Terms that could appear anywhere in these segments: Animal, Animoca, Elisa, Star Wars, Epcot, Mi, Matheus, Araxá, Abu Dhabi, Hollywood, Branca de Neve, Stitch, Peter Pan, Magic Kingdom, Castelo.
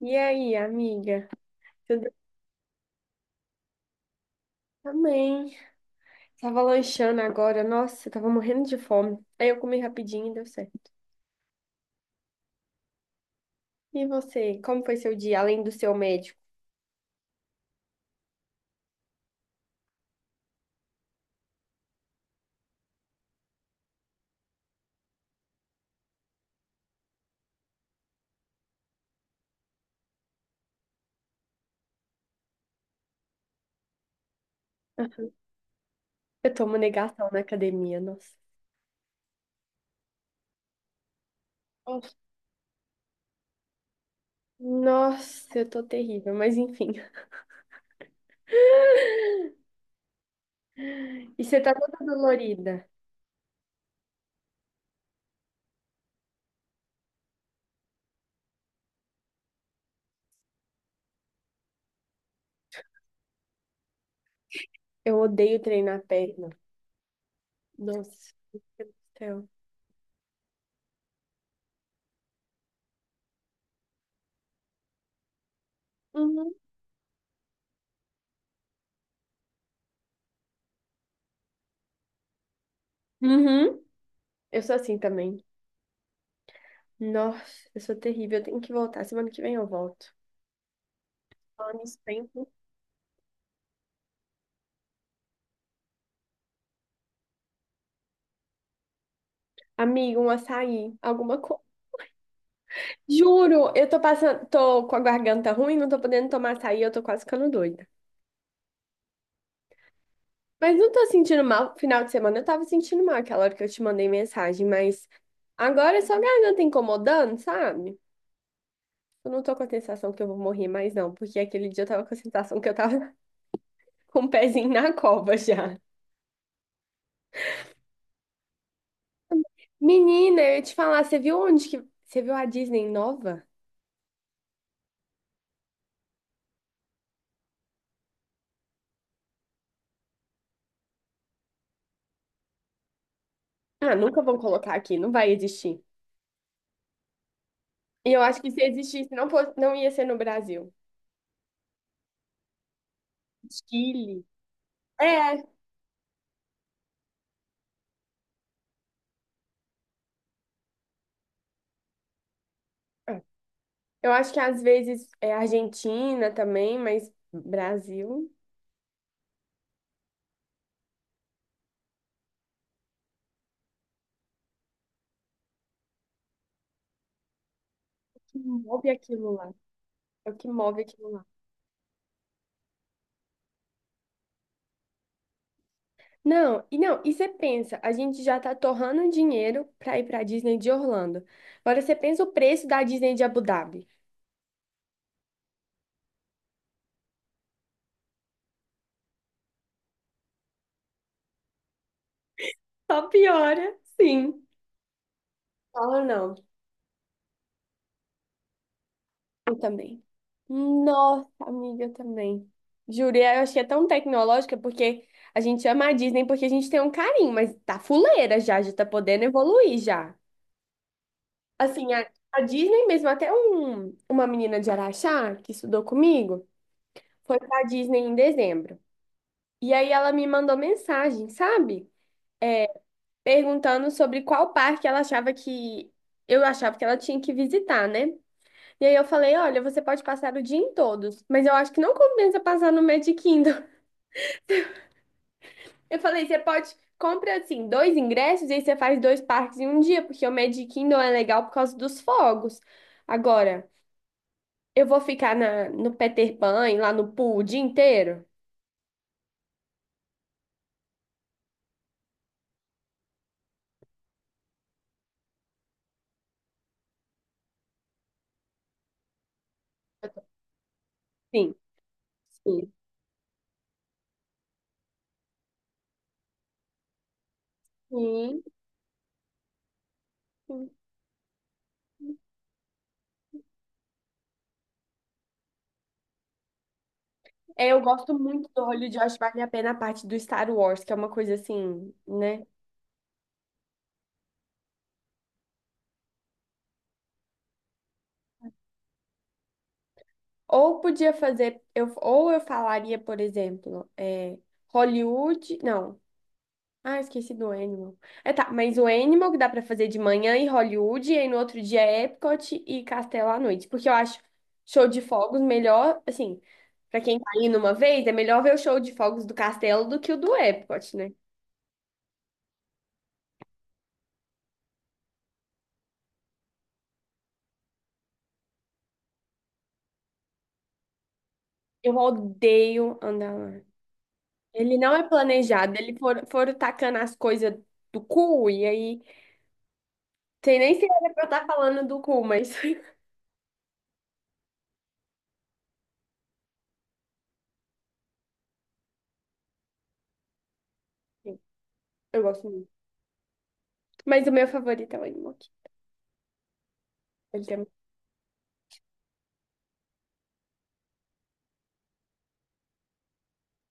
E aí, amiga? Tudo bem? Também? Tava lanchando agora. Nossa, eu tava morrendo de fome. Aí eu comi rapidinho e deu certo. E você, como foi seu dia, além do seu médico? Eu tomo negação na academia, nossa. Nossa, Nossa, eu tô terrível, mas enfim. E você tá toda dolorida. Eu odeio treinar a perna. Nossa, meu Deus do céu. Uhum. Uhum. Eu sou assim também. Nossa, eu sou terrível. Eu tenho que voltar. Semana que vem eu volto. Falando isso, tem. Amigo, um açaí, alguma coisa. Juro, eu tô passando, tô com a garganta ruim, não tô podendo tomar açaí, eu tô quase ficando doida. Mas não tô sentindo mal. Final de semana eu tava sentindo mal aquela hora que eu te mandei mensagem, mas agora é só a garganta incomodando, sabe? Eu não tô com a sensação que eu vou morrer mais, não, porque aquele dia eu tava com a sensação que eu tava com o pezinho na cova já. Menina, eu ia te falar, você viu onde que. Você viu a Disney nova? Ah, nunca vão colocar aqui, não vai existir. E eu acho que se existisse, não, não ia ser no Brasil. Chile. É, é. Eu acho que às vezes é Argentina também, mas Brasil, é o que move aquilo lá. É o que move aquilo lá. Não, e não, e você pensa, a gente já tá torrando dinheiro pra ir pra Disney de Orlando. Agora você pensa o preço da Disney de Abu Dhabi. Só piora, sim. Fala não. Eu também. Nossa, amiga, eu também. Juro, e eu achei tão tecnológica porque a gente ama a Disney porque a gente tem um carinho, mas tá fuleira já, já tá podendo evoluir já. Assim, a Disney mesmo, até uma menina de Araxá que estudou comigo, foi pra Disney em dezembro. E aí ela me mandou mensagem, sabe? Perguntando sobre qual parque ela achava que eu achava que ela tinha que visitar, né? E aí eu falei, olha, você pode passar o dia em todos, mas eu acho que não compensa passar no Magic Kingdom. Eu falei, você pode compra assim dois ingressos e aí você faz dois parques em um dia, porque o Magic Kingdom é legal por causa dos fogos. Agora, eu vou ficar no Peter Pan, e lá no pool o dia inteiro? Sim, sim. Sim. Sim. É, eu gosto muito do Hollywood, eu acho que vale a pena a parte do Star Wars, que é uma coisa assim, né? Ou podia fazer, ou eu falaria, por exemplo, é, Hollywood. Não. Ah, esqueci do Animal. É tá, mas o Animal que dá pra fazer de manhã e Hollywood, e aí no outro dia Epcot e Castelo à noite. Porque eu acho show de fogos melhor, assim, pra quem tá indo uma vez, é melhor ver o show de fogos do Castelo do que o do Epcot, né? Eu odeio andar lá. Ele não é planejado, ele foram tacando as coisas do cu, e aí, sei nem se era pra eu estar falando do cu, mas. Eu gosto muito. Mas o meu favorito é o Animoca. Ele tem... um.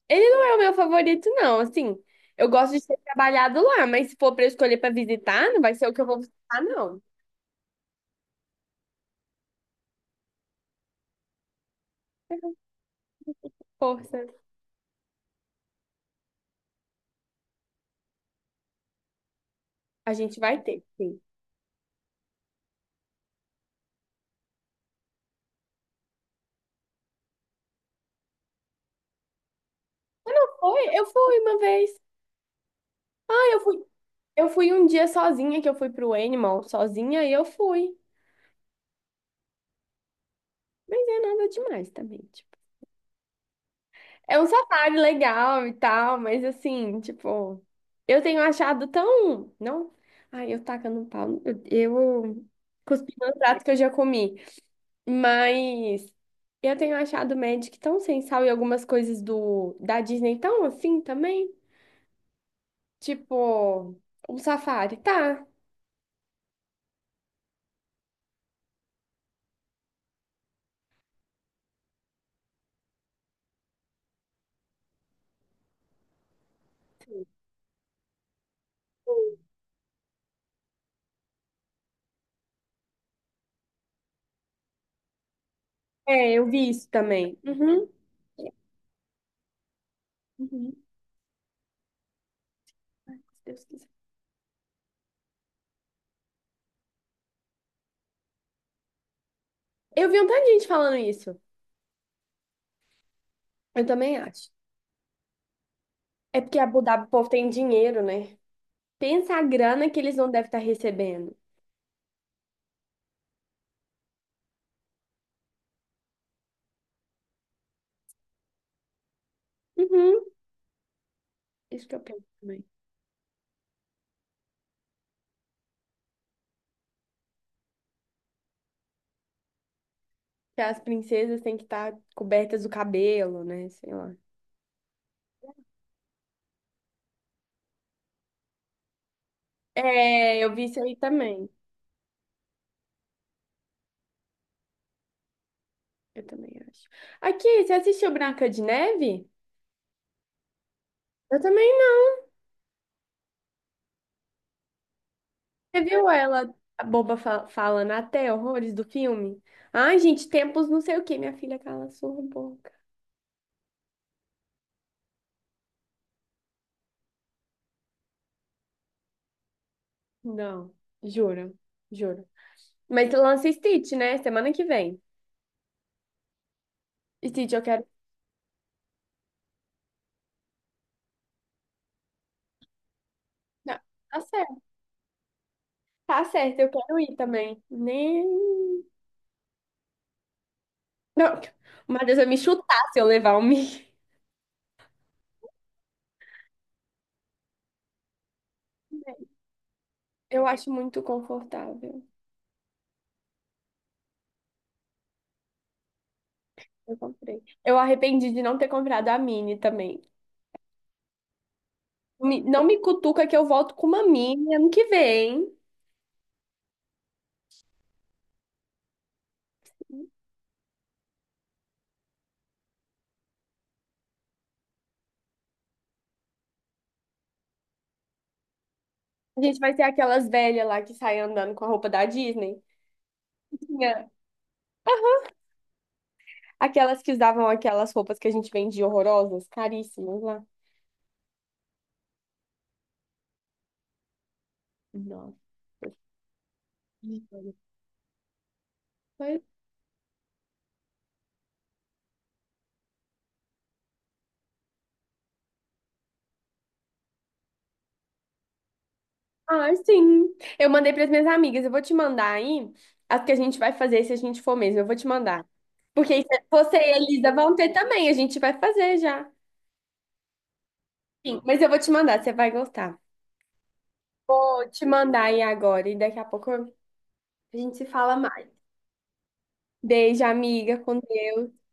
Ele não é o meu favorito, não. Assim, eu gosto de ter trabalhado lá, mas se for pra eu escolher pra visitar, não vai ser o que eu vou visitar, não. Força. A gente vai ter, sim. Eu não fui. Eu fui uma vez. Ah, eu fui. Eu fui um dia sozinha, que eu fui pro Animal sozinha e eu fui. Mas é nada demais também. Tipo. É um safari legal e tal, mas assim, tipo, eu tenho achado tão. Não? Ai, eu tacando um pau. Eu cuspi no prato que eu já comi. Mas eu tenho achado o Magic tão sem sal e algumas coisas do da Disney tão assim também. Tipo, um safari, tá? É, eu vi isso também. Uhum. Uhum. Ai, se Deus quiser. Eu vi um tanto de gente falando isso. Eu também acho. É porque Abu Dhabi, o povo tem dinheiro, né? Pensa a grana que eles não devem estar recebendo. Uhum, isso que eu penso também. Que as princesas têm que estar cobertas do cabelo, né? Sei lá. É, eu vi isso aí também. Eu também acho. Aqui, você assistiu Branca de Neve? Eu também não. Você viu ela, a boba falando até horrores do filme? Ai, gente, tempos não sei o quê. Minha filha cala a sua boca. Não, juro, juro. Mas lança Stitch, né? Semana que vem. Stitch, eu quero. Não, tá certo. Tá certo, eu quero ir também. Nem. Não, o Matheus vai me chutar se eu levar o Mi. Eu acho muito confortável. Eu comprei. Eu arrependi de não ter comprado a mini também. Não me cutuca que eu volto com uma mini ano que vem. A gente vai ser aquelas velhas lá que saem andando com a roupa da Disney. Tinha. Aquelas que usavam aquelas roupas que a gente vendia horrorosas, caríssimas lá. Nossa. Ah, sim. Eu mandei para as minhas amigas. Eu vou te mandar aí as que a gente vai fazer se a gente for mesmo. Eu vou te mandar. Porque aí você e a Elisa vão ter também. A gente vai fazer já. Sim, mas eu vou te mandar, você vai gostar. Vou te mandar aí agora e daqui a pouco a gente se fala mais. Beijo, amiga, com Deus.